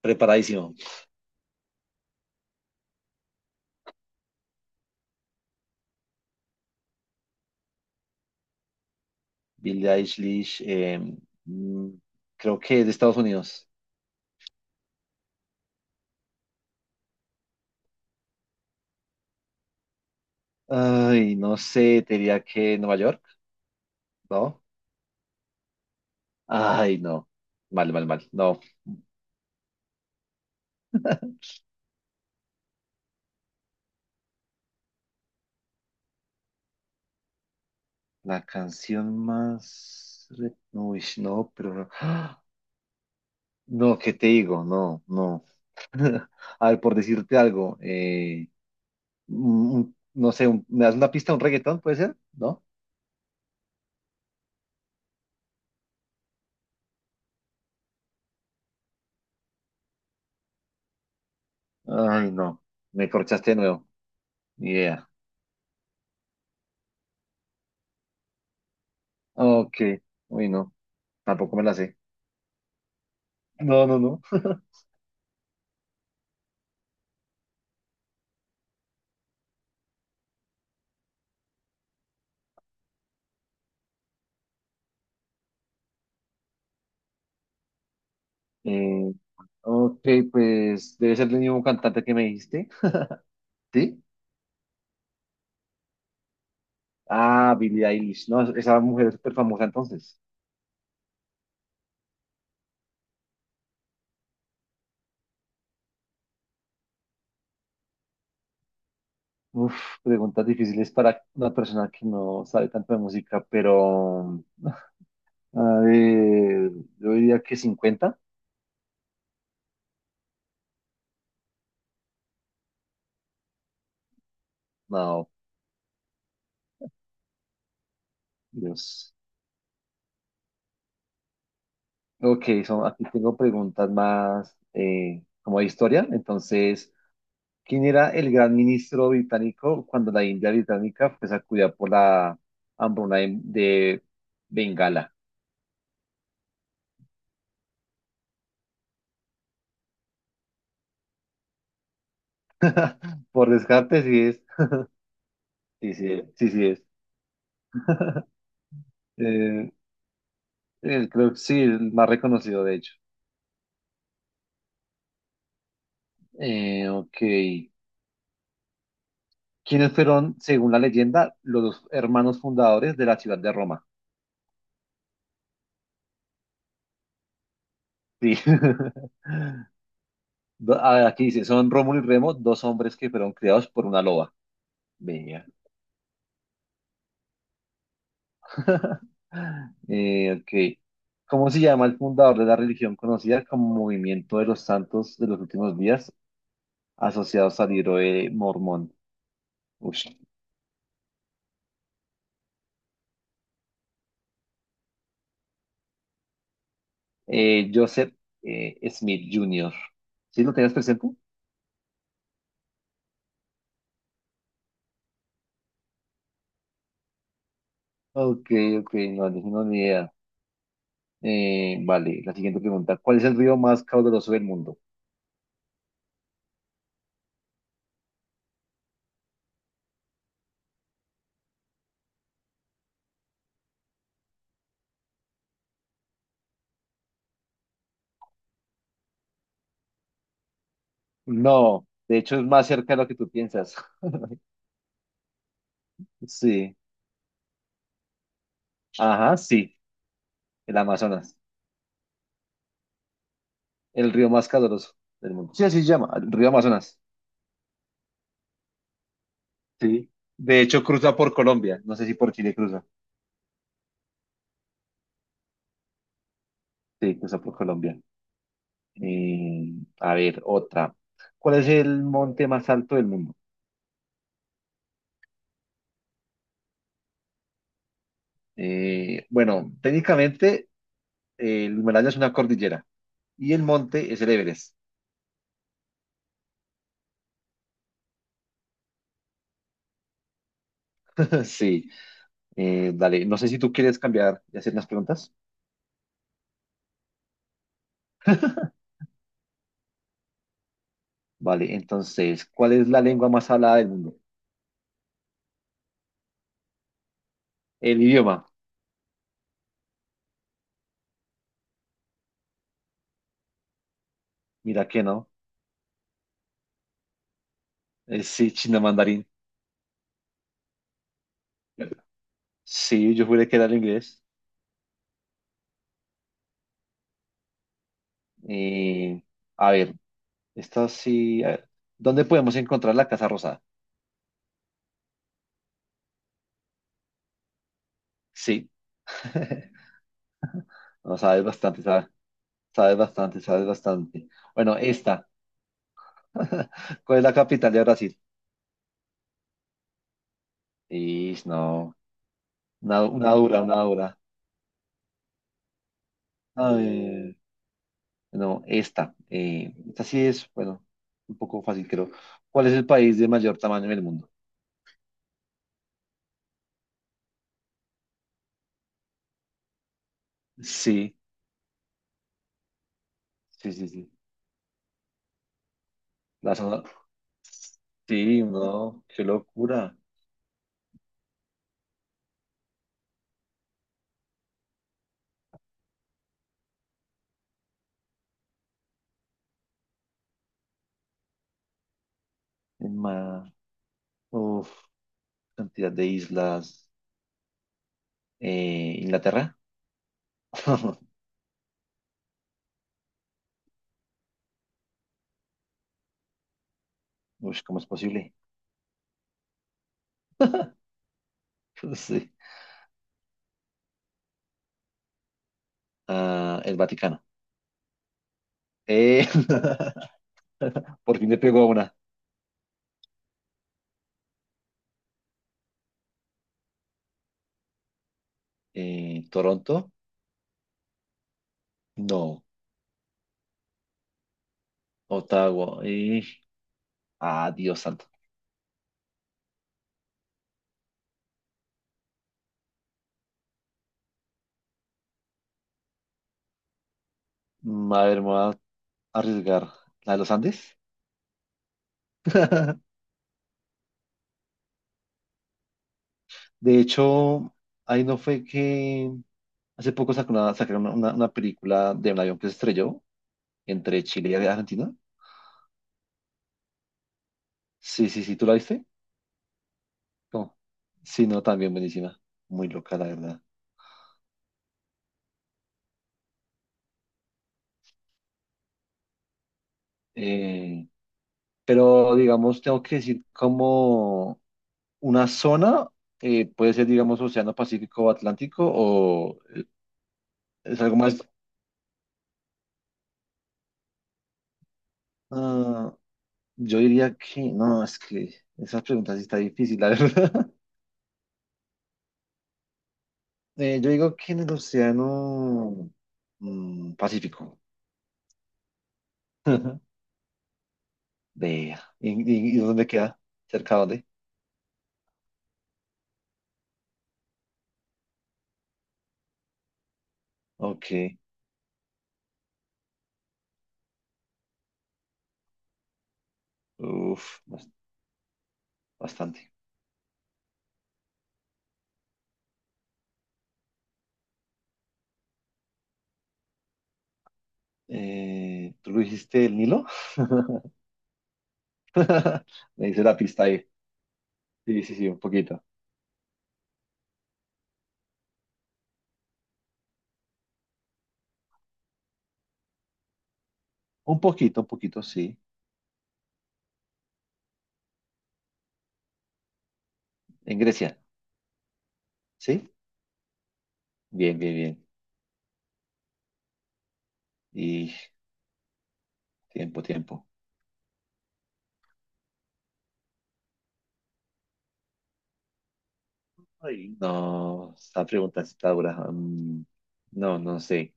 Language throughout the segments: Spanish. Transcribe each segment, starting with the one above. Preparadísimo. Billie Eilish, mm, creo que es de Estados Unidos. Ay, no sé, te diría que Nueva York, ¿no? Ay, no. Mal, mal, mal. No. La canción más uy, no, pero... No, ¡Ah! No, ¿qué te digo? No, no. A ver, por decirte algo, no sé, ¿me das una pista, un reggaetón, puede ser? ¿No? Ay, no. Me corchaste de nuevo. Ni idea. Ok. Uy, no. Tampoco me la sé. No, no, no. Eh, ok, pues debe ser el mismo cantante que me dijiste, ¿sí? Ah, Billie Eilish, no, esa mujer es súper famosa entonces. Uf, preguntas difíciles para una persona que no sabe tanto de música, pero a ver, yo diría que 50. No, Dios. Ok, son, aquí tengo preguntas más como de historia, entonces, ¿quién era el gran ministro británico cuando la India británica fue sacudida por la hambruna de Bengala? Por descarte, sí es. Sí, sí, es, sí, sí es. Eh, creo que sí, el más reconocido, de hecho. Ok. ¿Quiénes fueron, según la leyenda, los dos hermanos fundadores de la ciudad de Roma? Sí. Aquí dice, son Rómulo y Remo, dos hombres que fueron criados por una loba. Venga. Ok. ¿Cómo se llama el fundador de la religión conocida como Movimiento de los Santos de los Últimos Días, asociados al libro de Mormón? Ush. Joseph Smith Jr. ¿Sí lo tenías presente? Ok, ok, no, no tengo ni idea. Vale, la siguiente pregunta. ¿Cuál es el río más caudaloso del mundo? No, de hecho es más cerca de lo que tú piensas. Sí, ajá, sí, el Amazonas, el río más caudaloso del mundo. Sí, así se llama, el río Amazonas. Sí. De hecho, cruza por Colombia. No sé si por Chile cruza. Sí, cruza por Colombia. Eh, a ver, otra. ¿Cuál es el monte más alto del mundo? Bueno, técnicamente el Himalaya es una cordillera y el monte es el Everest. Sí. Dale, no sé si tú quieres cambiar y hacer unas preguntas. Vale, entonces, ¿cuál es la lengua más hablada del mundo? El idioma. Mira que no. Sí, chino mandarín. Sí, yo juré que era el inglés. Eh, a ver. Esto sí. A ver, ¿dónde podemos encontrar la Casa Rosada? Sí. No, sabes bastante, sabes bastante. Bueno, esta. ¿Cuál es la capital de Brasil? Y no. Una dura, una dura. Ay, no, esta. Esta sí es, bueno, un poco fácil, creo. ¿Cuál es el país de mayor tamaño en el mundo? Sí, sí, sí, sí. La zona. Sí, no, qué locura. En ma- Uf, cantidad de islas. ¿Inglaterra? Uy, ¿cómo es posible? Sí. Ah, el Vaticano. Eh, por fin le pegó a una. ¿Toronto? No. Ottawa. Dios santo. A ver, me voy a arriesgar. ¿La de los Andes? De hecho, ahí no fue que hace poco sacó una, sacaron una película de un avión que se estrelló entre Chile y Argentina. Sí, sí, sí, ¿tú la viste? No. Sí, no, también buenísima. Muy loca, la verdad. Eh, pero digamos, tengo que decir como una zona, puede ser, digamos, Océano Pacífico o Atlántico, o es algo más. ah, yo diría que, no, es que esas preguntas sí está difícil, la verdad. Yo digo que en el Océano Pacífico. Vea. ¿Y dónde queda? ¿Cerca de dónde? Ok, uff, bastante. ¿Tú lo dijiste el Nilo? Me dice la pista ahí. Sí, sí, sí, un poquito. Un poquito, un poquito, sí. En Grecia, ¿sí? Bien, bien, bien. Y tiempo, tiempo. Ay, no, esta pregunta está dura. No, no sé.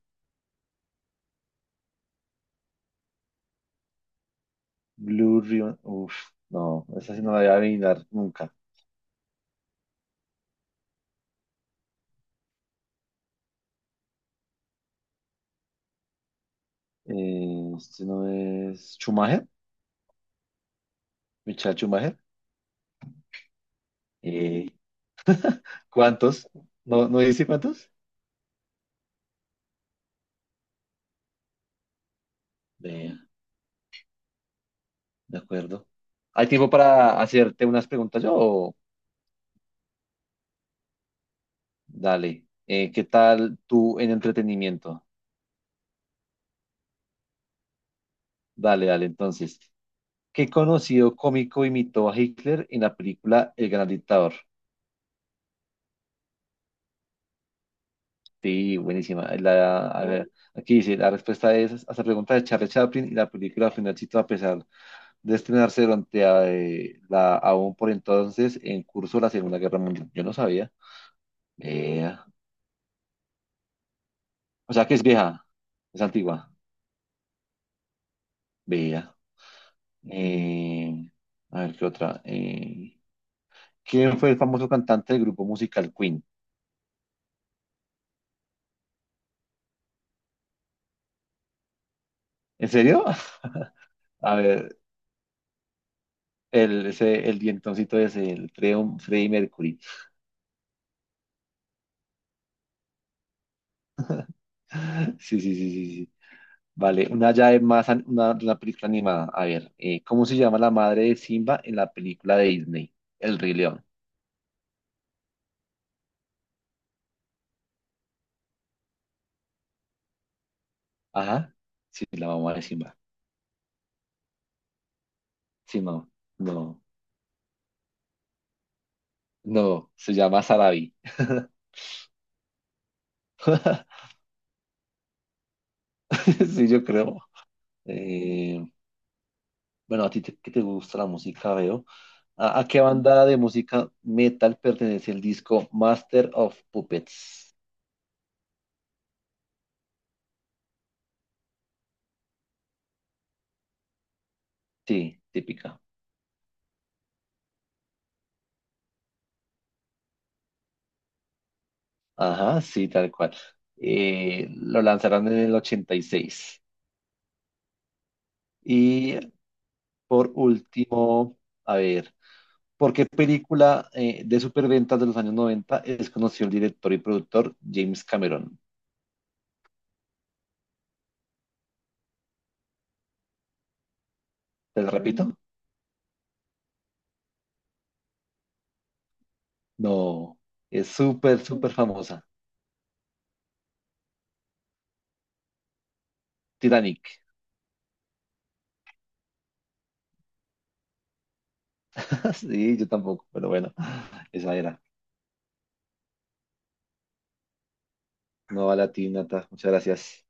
Blue Ribbon, uf, no, esa sí no la voy a adivinar nunca. Este no es Schumacher, Michael Schumacher. Eh, ¿Cuántos? ¿No, no dice cuántos? Eh, de acuerdo. ¿Hay tiempo para hacerte unas preguntas yo? Dale. ¿Qué tal tú en entretenimiento? Dale, dale, entonces. ¿Qué conocido cómico imitó a Hitler en la película El Gran Dictador? Sí, buenísima. A ver, aquí dice, la respuesta es a esta pregunta de Charlie Chaplin, y la película fue un éxito a pesar de estrenarse durante aún por entonces en curso, la Segunda Guerra Mundial. Yo no sabía. Vea. O sea que es vieja, es antigua. Vea. Eh, a ver, ¿qué otra? ¿Quién fue el famoso cantante del grupo musical Queen? ¿En serio? A ver, el dientoncito ese, el Freddie Mercury. Sí, sí, sí, sí, sí. Vale, una llave más, una película animada. A ver, ¿cómo se llama la madre de Simba en la película de Disney? El Rey León. Ajá. Sí, la mamá de Simba. Sí, no, no, no. Se llama Sarabi. Sí, yo creo. Eh, bueno, a ti que te gusta la música, veo. ¿A qué banda de música metal pertenece el disco Master of Puppets? Sí, típica. Ajá, sí, tal cual. Lo lanzaron en el 86. Y por último, a ver, ¿por qué película de superventas de los años 90 es conocido el director y productor James Cameron? ¿Te lo repito? No, es súper, súper famosa. Titanic. Sí, yo tampoco, pero bueno, esa era. No a la ti, Nata. Muchas gracias.